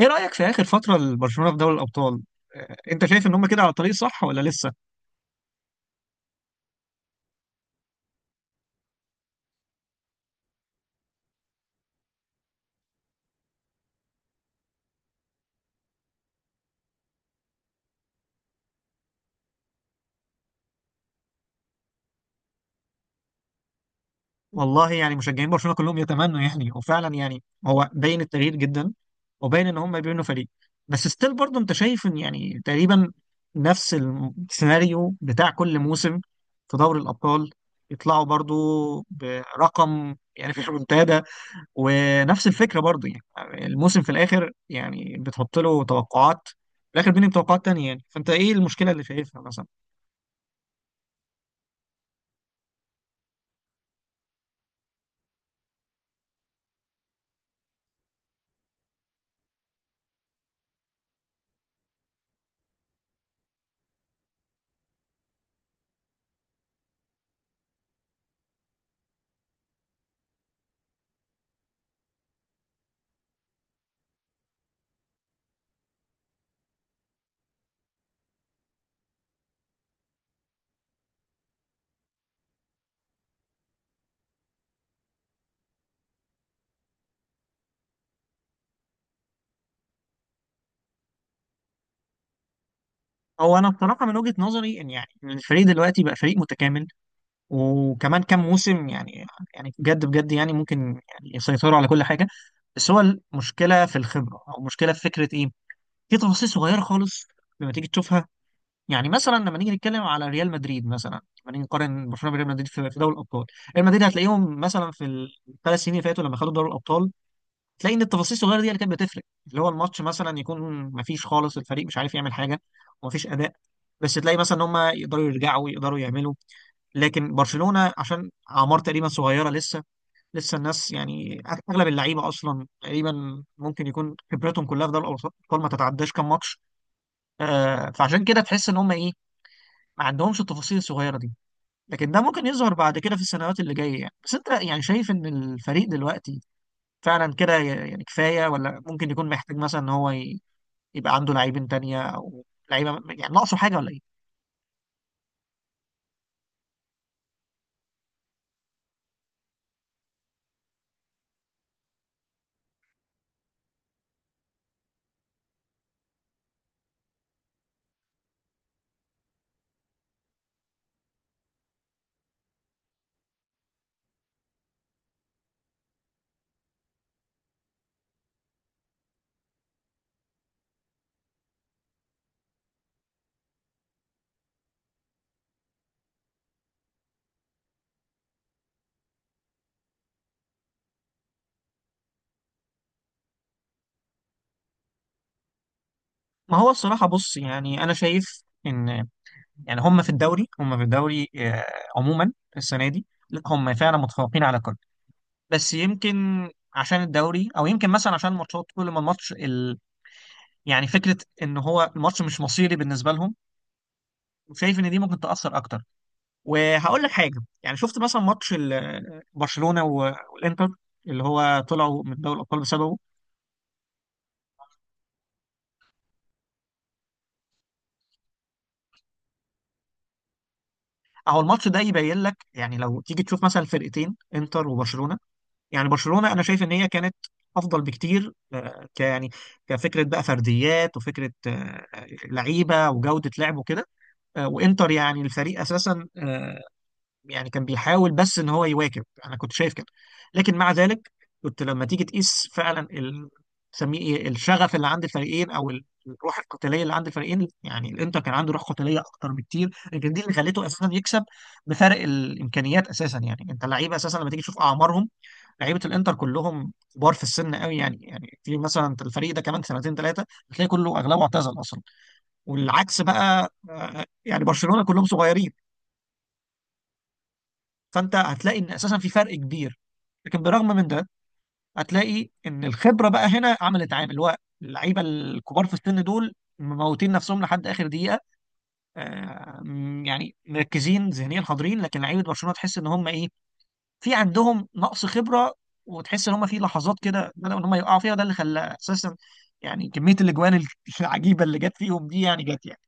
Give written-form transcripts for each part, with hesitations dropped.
ايه رأيك في آخر فترة لبرشلونة في دوري الأبطال؟ انت شايف ان هم كده على الطريق صح ولا لسه؟ والله يعني مشجعين برشلونة كلهم يتمنوا، يعني وفعلا يعني هو باين التغيير جدا، وباين ان هم بيبنوا فريق. بس ستيل برضه انت شايف ان يعني تقريبا نفس السيناريو بتاع كل موسم في دوري الأبطال، يطلعوا برضه برقم يعني في الريمونتادا، ونفس الفكرة برضه يعني الموسم في الآخر، يعني بتحط له توقعات في الآخر بينهم توقعات تانية. يعني فأنت إيه المشكلة اللي شايفها مثلا؟ هو انا بصراحه من وجهه نظري ان يعني إن الفريق دلوقتي بقى فريق متكامل، وكمان كام موسم يعني بجد بجد يعني ممكن يعني يسيطروا على كل حاجه. بس هو المشكله في الخبره، او مشكله في فكره ايه، في تفاصيل صغيره خالص لما تيجي تشوفها. يعني مثلا لما نيجي نتكلم على ريال مدريد، مثلا لما نيجي نقارن برشلونه بريال مدريد في دوري الابطال، ريال مدريد هتلاقيهم مثلا في الثلاث سنين اللي فاتوا لما خدوا دوري الابطال، تلاقي ان التفاصيل الصغيره دي اللي كانت بتفرق، اللي هو الماتش مثلا يكون مفيش خالص، الفريق مش عارف يعمل حاجه ومفيش اداء، بس تلاقي مثلا ان هم يقدروا يرجعوا، يقدروا يعملوا. لكن برشلونه عشان اعمار تقريبا صغيره، لسه الناس يعني اغلب اللعيبه اصلا تقريبا ممكن يكون خبرتهم كلها في دوري الابطال ما تتعداش كام ماتش. فعشان كده تحس ان هم ايه، ما عندهمش التفاصيل الصغيره دي. لكن ده ممكن يظهر بعد كده في السنوات اللي جايه، يعني بس انت يعني شايف ان الفريق دلوقتي فعلا كده يعني كفاية، ولا ممكن يكون محتاج مثلا ان هو يبقى عنده لاعبين تانية، او لعيبة يعني ناقصه حاجة ولا ايه؟ ما هو الصراحة بص، يعني انا شايف ان يعني هم في الدوري عموما السنة دي، لا، هم فعلا متفوقين على كل. بس يمكن عشان الدوري، او يمكن مثلا عشان الماتشات، كل ما الماتش يعني فكرة ان هو الماتش مش مصيري بالنسبة لهم، شايف ان دي ممكن تأثر اكتر. وهقول لك حاجه، يعني شفت مثلا ماتش برشلونه والانتر اللي هو طلعوا من دوري الابطال بسببه. اهو الماتش ده يبين لك يعني، لو تيجي تشوف مثلا الفرقتين انتر وبرشلونه، يعني برشلونه انا شايف ان هي كانت افضل بكتير، آه، ك يعني كفكره بقى، فرديات وفكره، لعيبه وجوده لعب وكده. وانتر يعني الفريق اساسا، يعني كان بيحاول بس ان هو يواكب، انا كنت شايف كده. لكن مع ذلك كنت لما تيجي تقيس فعلا سميه ايه، الشغف اللي عند الفريقين، او الروح القتاليه اللي عند الفريقين، يعني الانتر كان عنده روح قتاليه اكتر بكتير، لكن دي اللي خليته اساسا يكسب بفرق الامكانيات اساسا. يعني انت لعيبه اساسا لما تيجي تشوف اعمارهم، لعيبه الانتر كلهم كبار في السن قوي، يعني في مثلا الفريق ده كمان سنتين ثلاثه هتلاقي كله اغلبه اعتزل اصلا. والعكس بقى، يعني برشلونه كلهم صغيرين، فانت هتلاقي ان اساسا في فرق كبير. لكن بالرغم من ده هتلاقي ان الخبره بقى هنا عملت عامل، اللي هو اللعيبه الكبار في السن دول مموتين نفسهم لحد اخر دقيقه، يعني مركزين ذهنيا حاضرين. لكن لعيبه برشلونه تحس ان هم ايه، في عندهم نقص خبره، وتحس ان هم في لحظات كده بدأوا ان هم يقعوا فيها، وده اللي خلى اساسا يعني كميه الاجوان العجيبه اللي جت فيهم دي يعني جت يعني.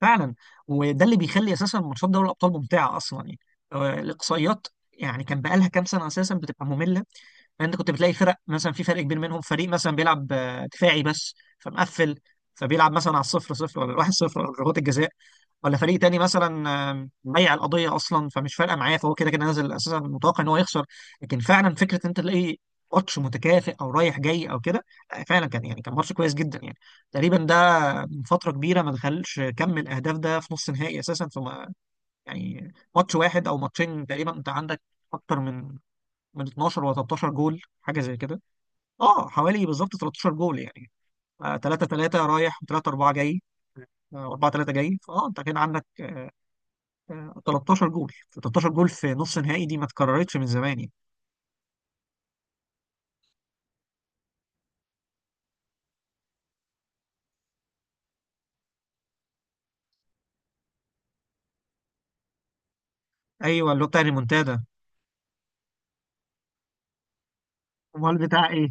فعلا، وده اللي بيخلي اساسا ماتشات دوري الابطال ممتعه اصلا. يعني الاقصائيات يعني كان بقالها كام سنه اساسا بتبقى ممله، فانت كنت بتلاقي فرق مثلا، في فرق كبير منهم، فريق مثلا بيلعب دفاعي بس، فمقفل، فبيلعب مثلا على الصفر صفر ولا الواحد صفر ولا ضربات الجزاء. ولا فريق تاني مثلا مضيع القضيه اصلا، فمش فارقه معاه، فهو كده كده نازل اساسا متوقع ان هو يخسر. لكن فعلا فكره ان انت تلاقي ماتش متكافئ او رايح جاي او كده، لا، فعلا كان ماتش كويس جدا يعني. تقريبا ده من فتره كبيره ما دخلش كم الاهداف ده في نص نهائي اساسا، في يعني ماتش واحد او ماتشين تقريبا انت عندك اكتر من 12 ولا 13 جول، حاجه زي كده. اه، حوالي بالظبط 13 جول يعني، 3 3 رايح و3 4 جاي 4 3 جاي، فاه انت كان عندك 13 جول، 13 جول في نص نهائي دي ما اتكررتش من زمان يعني. ايوه، اللي هو بتاع ريمونتادا. امال بتاع ايه؟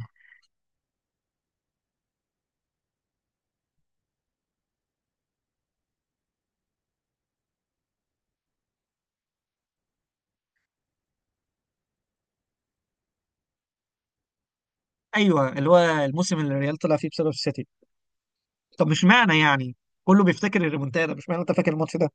ايوه، اللي هو الموسم اللي الريال طلع فيه بسبب السيتي. طب مش معنى يعني، كله بيفتكر الريمونتادا، مش معنى انت فاكر الماتش ده.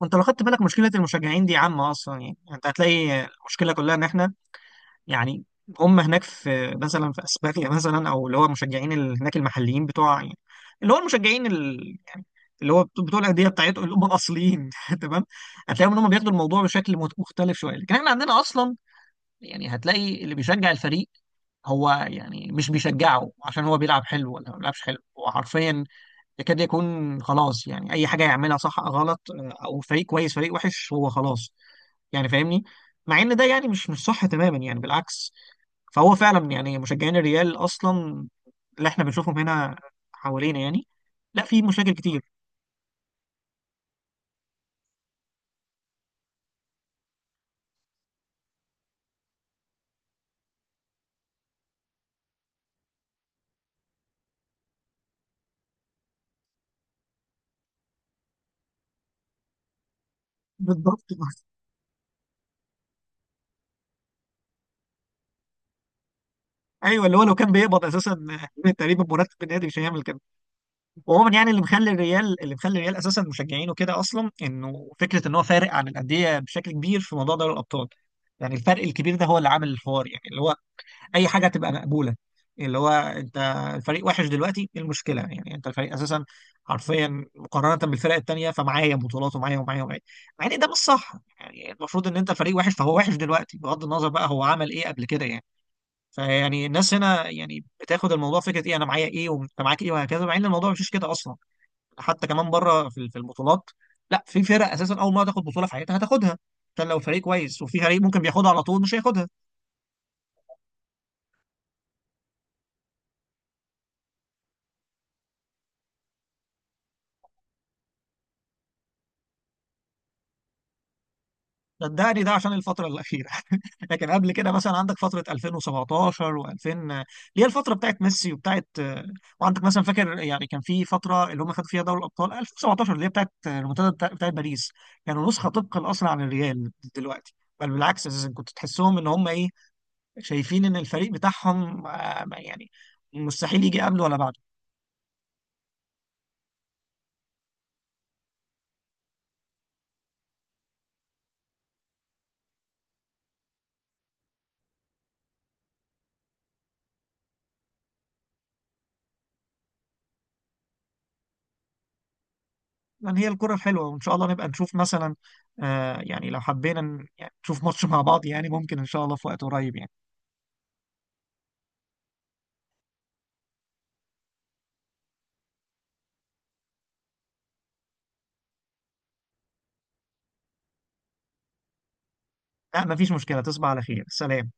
وانت لو خدت بالك مشكله المشجعين دي عامه اصلا يعني، يعني انت هتلاقي المشكله كلها ان احنا يعني، هم هناك في مثلا في اسبانيا مثلا، او اللي هو مشجعين هناك المحليين بتوع يعني، اللي هو المشجعين يعني اللي هو بتوع الانديه بتاعتهم اللي هم الاصليين تمام، هتلاقيهم ان هم بياخدوا الموضوع بشكل مختلف شويه. لكن احنا عندنا اصلا يعني هتلاقي اللي بيشجع الفريق، هو يعني مش بيشجعه عشان هو بيلعب حلو ولا ما بيلعبش حلو، هو حرفيا يكاد يكون خلاص، يعني اي حاجه يعملها صح أو غلط، او فريق كويس فريق وحش هو خلاص، يعني فاهمني. مع ان ده يعني مش صح تماما يعني، بالعكس. فهو فعلا يعني مشجعين الريال اصلا اللي احنا بنشوفهم هنا حوالينا يعني، لا، في مشاكل كتير. بالضبط. ايوه اللي هو لو كان بيقبض اساسا تقريبا مرتب النادي، مش هيعمل كده. وعموما يعني اللي مخلي الريال اساسا مشجعينه كده اصلا، انه فكره ان هو فارق عن الانديه بشكل كبير في موضوع دوري الابطال. يعني الفرق الكبير ده هو اللي عامل الحوار، يعني اللي هو اي حاجه تبقى مقبوله، اللي هو انت الفريق وحش دلوقتي ايه المشكله، يعني انت الفريق اساسا حرفيا مقارنه بالفرق التانيه، فمعايا بطولات ومعايا ومعايا ومعايا، مع ان ده مش صح. يعني المفروض ان انت الفريق وحش فهو وحش دلوقتي، بغض النظر بقى هو عمل ايه قبل كده يعني. فيعني الناس هنا يعني بتاخد الموضوع فكره ايه، انا معايا ايه وانت معاك ايه وهكذا، مع ان الموضوع مش كده اصلا. حتى كمان بره في البطولات، لا، في فرق اساسا اول ما تاخد بطوله في حياتها هتاخدها، عشان لو فريق كويس. وفي فريق ممكن بياخدها على طول مش هياخدها. صدقني، ده عشان الفترة الأخيرة لكن قبل كده مثلا عندك فترة 2017 و2000 اللي هي الفترة بتاعت ميسي وبتاعت. وعندك مثلا فاكر يعني، كان في فترة اللي هم خدوا فيها دوري الأبطال 2017 اللي هي بتاعت المنتدى بتاعت باريس، كانوا نسخة طبقا أصلا عن الريال دلوقتي. بل بالعكس أساسا كنت تحسهم إن هم إيه، شايفين إن الفريق بتاعهم يعني مستحيل يجي قبله ولا بعده. يعني هي الكرة الحلوة، وإن شاء الله نبقى نشوف مثلا، يعني لو حبينا يعني نشوف ماتش مع بعض، يعني ممكن إن شاء الله في وقت قريب يعني. لا، مفيش مشكلة، تصبح على خير، سلام.